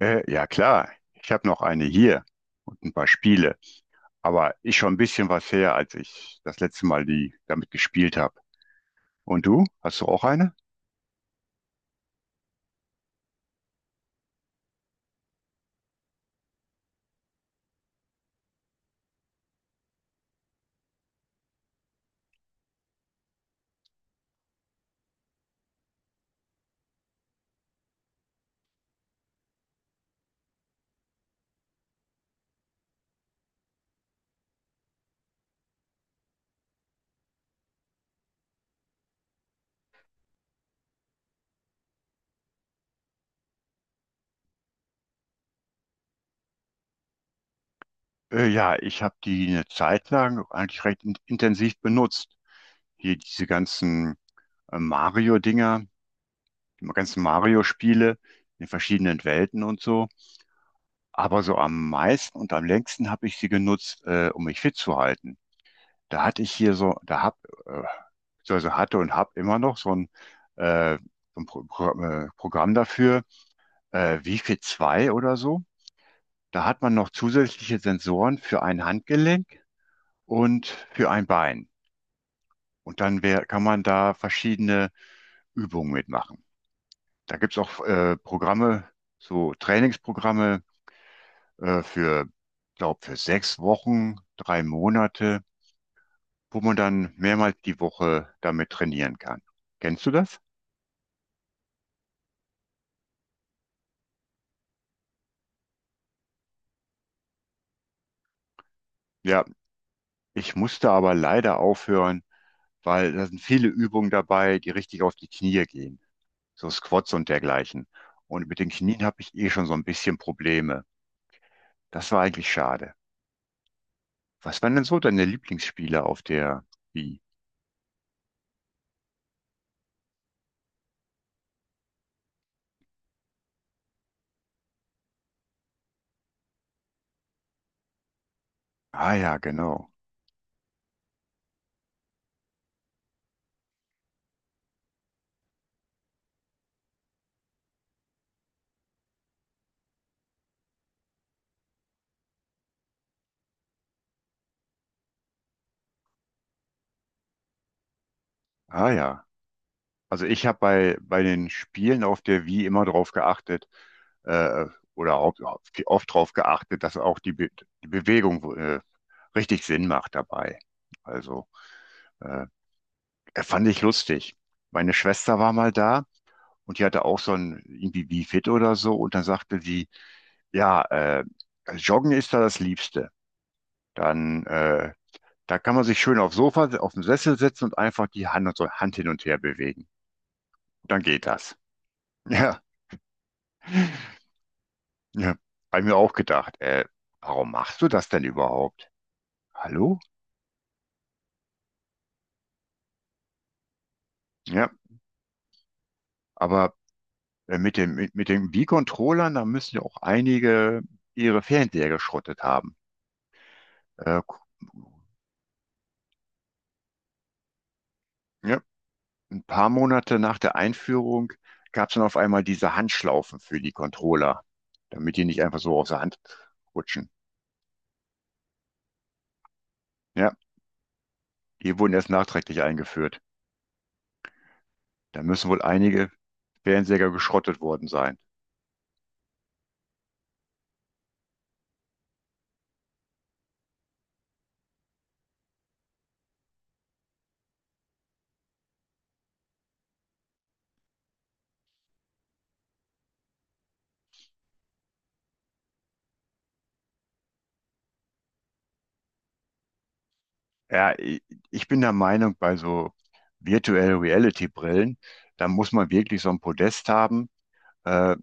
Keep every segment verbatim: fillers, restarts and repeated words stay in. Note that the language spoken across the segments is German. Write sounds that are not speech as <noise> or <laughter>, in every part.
Äh, ja klar, ich habe noch eine hier und ein paar Spiele, aber ist schon ein bisschen was her, als ich das letzte Mal die damit gespielt habe. Und du, hast du auch eine? Äh, ja, ich habe die eine Zeit lang eigentlich recht in intensiv benutzt. Hier diese ganzen äh, Mario-Dinger, die ganzen Mario-Spiele in verschiedenen Welten und so. Aber so am meisten und am längsten habe ich sie genutzt, äh, um mich fit zu halten. Da hatte ich hier so, da hab, äh, beziehungsweise hatte und habe immer noch so ein, äh, so ein Pro Pro äh, Programm dafür, äh, Wi-Fi zwei oder so. Da hat man noch zusätzliche Sensoren für ein Handgelenk und für ein Bein. Und dann wär, kann man da verschiedene Übungen mitmachen. Da gibt's auch äh, Programme, so Trainingsprogramme äh, für, glaube für sechs Wochen, drei Monate, wo man dann mehrmals die Woche damit trainieren kann. Kennst du das? Ja, ich musste aber leider aufhören, weil da sind viele Übungen dabei, die richtig auf die Knie gehen. So Squats und dergleichen. Und mit den Knien habe ich eh schon so ein bisschen Probleme. Das war eigentlich schade. Was waren denn so deine Lieblingsspiele auf der Wii? Ah ja, genau. Ah ja. Also ich habe bei, bei den Spielen auf der Wii immer drauf geachtet, äh, oder oft, oft drauf geachtet, dass auch die, Be die Bewegung äh, richtig Sinn macht dabei. Also äh, er fand ich lustig. Meine Schwester war mal da und die hatte auch so ein irgendwie Bi-Fit oder so und dann sagte sie, ja, äh, Joggen ist da das Liebste. Dann, äh, Da kann man sich schön aufs Sofa, auf dem Sessel setzen und einfach die Hand und so Hand hin und her bewegen. Dann geht das. <laughs> Ja, ja. Hab ich mir auch gedacht, äh, warum machst du das denn überhaupt? Hallo? Ja, aber äh, mit dem, mit, mit den Wii-Controllern, da müssen ja auch einige ihre Fernseher geschrottet haben. Äh, ja. Paar Monate nach der Einführung gab es dann auf einmal diese Handschlaufen für die Controller, damit die nicht einfach so aus der Hand rutschen. Ja, die wurden erst nachträglich eingeführt. Da müssen wohl einige Fernseher geschrottet worden sein. Ja, i- ich bin der Meinung, bei so Virtual Reality Brillen, da muss man wirklich so ein Podest haben, äh,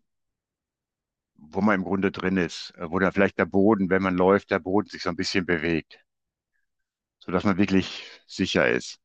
wo man im Grunde drin ist, äh, wo da vielleicht der Boden, wenn man läuft, der Boden sich so ein bisschen bewegt, sodass man wirklich sicher ist.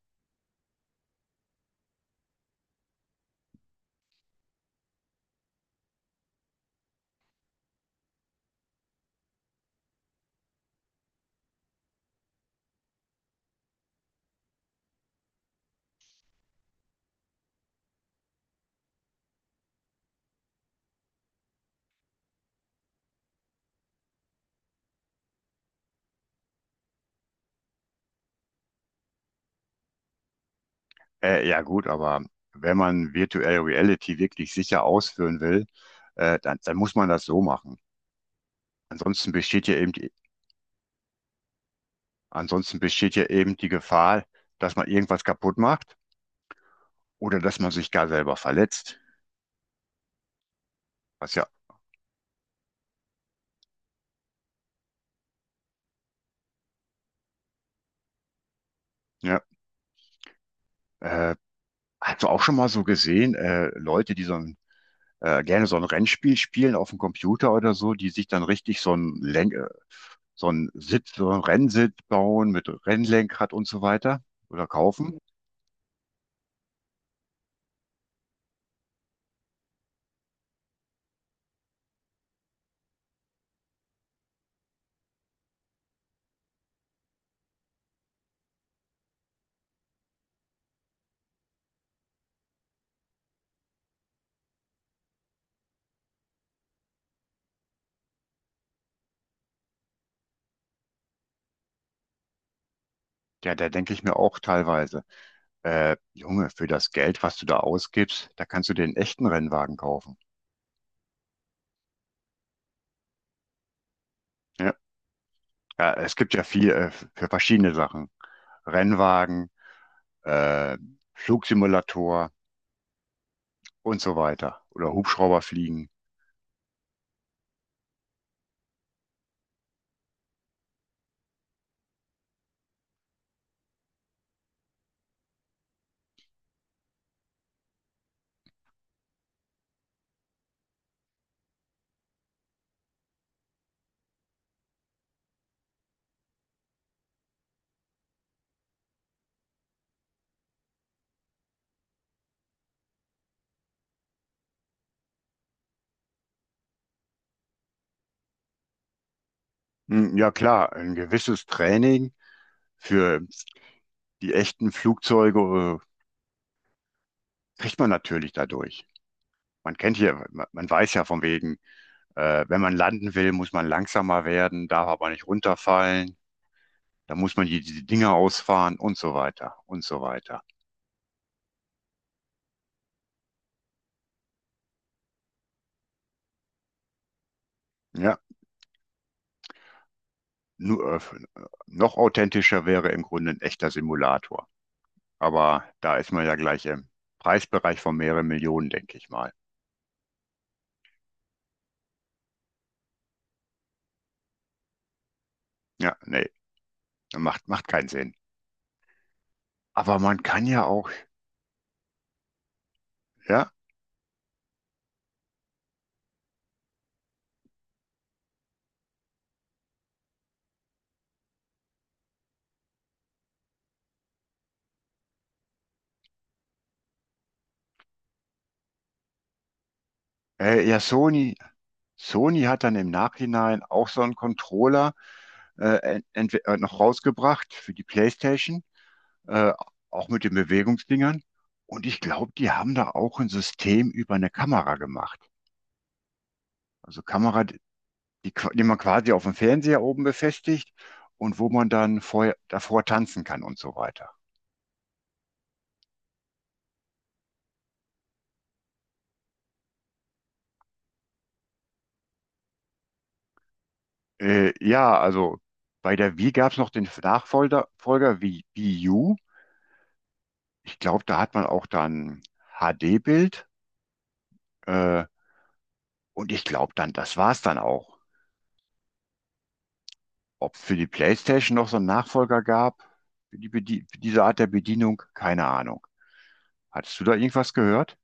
Äh, ja gut, aber wenn man Virtual Reality wirklich sicher ausführen will, äh, dann, dann muss man das so machen. Ansonsten besteht ja eben die, ansonsten besteht ja eben die Gefahr, dass man irgendwas kaputt macht oder dass man sich gar selber verletzt. Was ja, ja, äh, hast du auch schon mal so gesehen, äh, Leute, die so ein, äh, gerne so ein Rennspiel spielen auf dem Computer oder so, die sich dann richtig so ein Lenk, äh, so ein Sitz, so ein Rennsitz bauen mit Rennlenkrad und so weiter oder kaufen? Ja, da denke ich mir auch teilweise. Äh, Junge, für das Geld, was du da ausgibst, da kannst du dir einen echten Rennwagen kaufen. Ja, ja, es gibt ja viel äh, für verschiedene Sachen. Rennwagen, äh, Flugsimulator und so weiter. Oder Hubschrauber fliegen. Hm, ja klar, ein gewisses Training für die echten Flugzeuge äh, kriegt man natürlich dadurch. Man kennt hier, man man weiß ja von wegen, äh, wenn man landen will, muss man langsamer werden, darf aber nicht runterfallen, da muss man die, die Dinger ausfahren und so weiter und so weiter. Ja, nur, äh, äh, noch authentischer wäre im Grunde ein echter Simulator. Aber da ist man ja gleich im Preisbereich von mehreren Millionen, denke ich mal. Ja, nee, macht, macht keinen Sinn. Aber man kann ja auch, ja, äh, ja, Sony, Sony hat dann im Nachhinein auch so einen Controller äh, ent- äh, noch rausgebracht für die PlayStation, äh, auch mit den Bewegungsdingern. Und ich glaube, die haben da auch ein System über eine Kamera gemacht. Also Kamera die, qua- die man quasi auf dem Fernseher oben befestigt und wo man dann vorher, davor tanzen kann und so weiter. Äh, ja, also bei der Wii gab es noch den Nachfolger Folger wie Wii U. Ich glaube, da hat man auch dann H D-Bild. Äh, und ich glaube dann, das war's dann auch. Ob es für die PlayStation noch so einen Nachfolger gab, für die, Bedie- für diese Art der Bedienung, keine Ahnung. Hattest du da irgendwas gehört?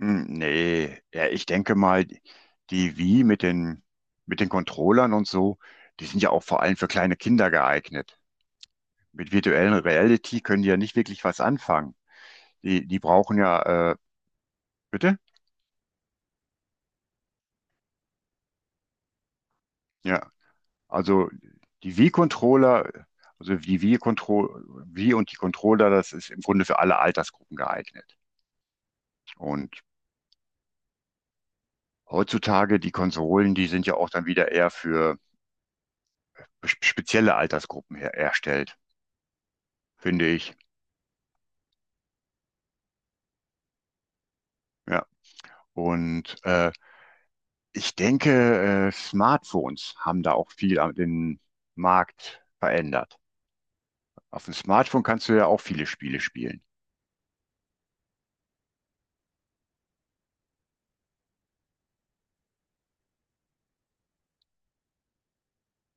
Hm, nee, ja, ich denke mal, die Wii mit den, mit den Controllern und so, die sind ja auch vor allem für kleine Kinder geeignet. Mit virtuellen Reality können die ja nicht wirklich was anfangen. Die, die brauchen ja, äh, bitte? Ja, also die Wii-Controller, also die Wii-Control, Wii und die Controller, das ist im Grunde für alle Altersgruppen geeignet. Und heutzutage, die Konsolen, die sind ja auch dann wieder eher für spe- spezielle Altersgruppen her erstellt, finde ich. Ja, und äh, ich denke, äh, Smartphones haben da auch viel am- den Markt verändert. Auf dem Smartphone kannst du ja auch viele Spiele spielen.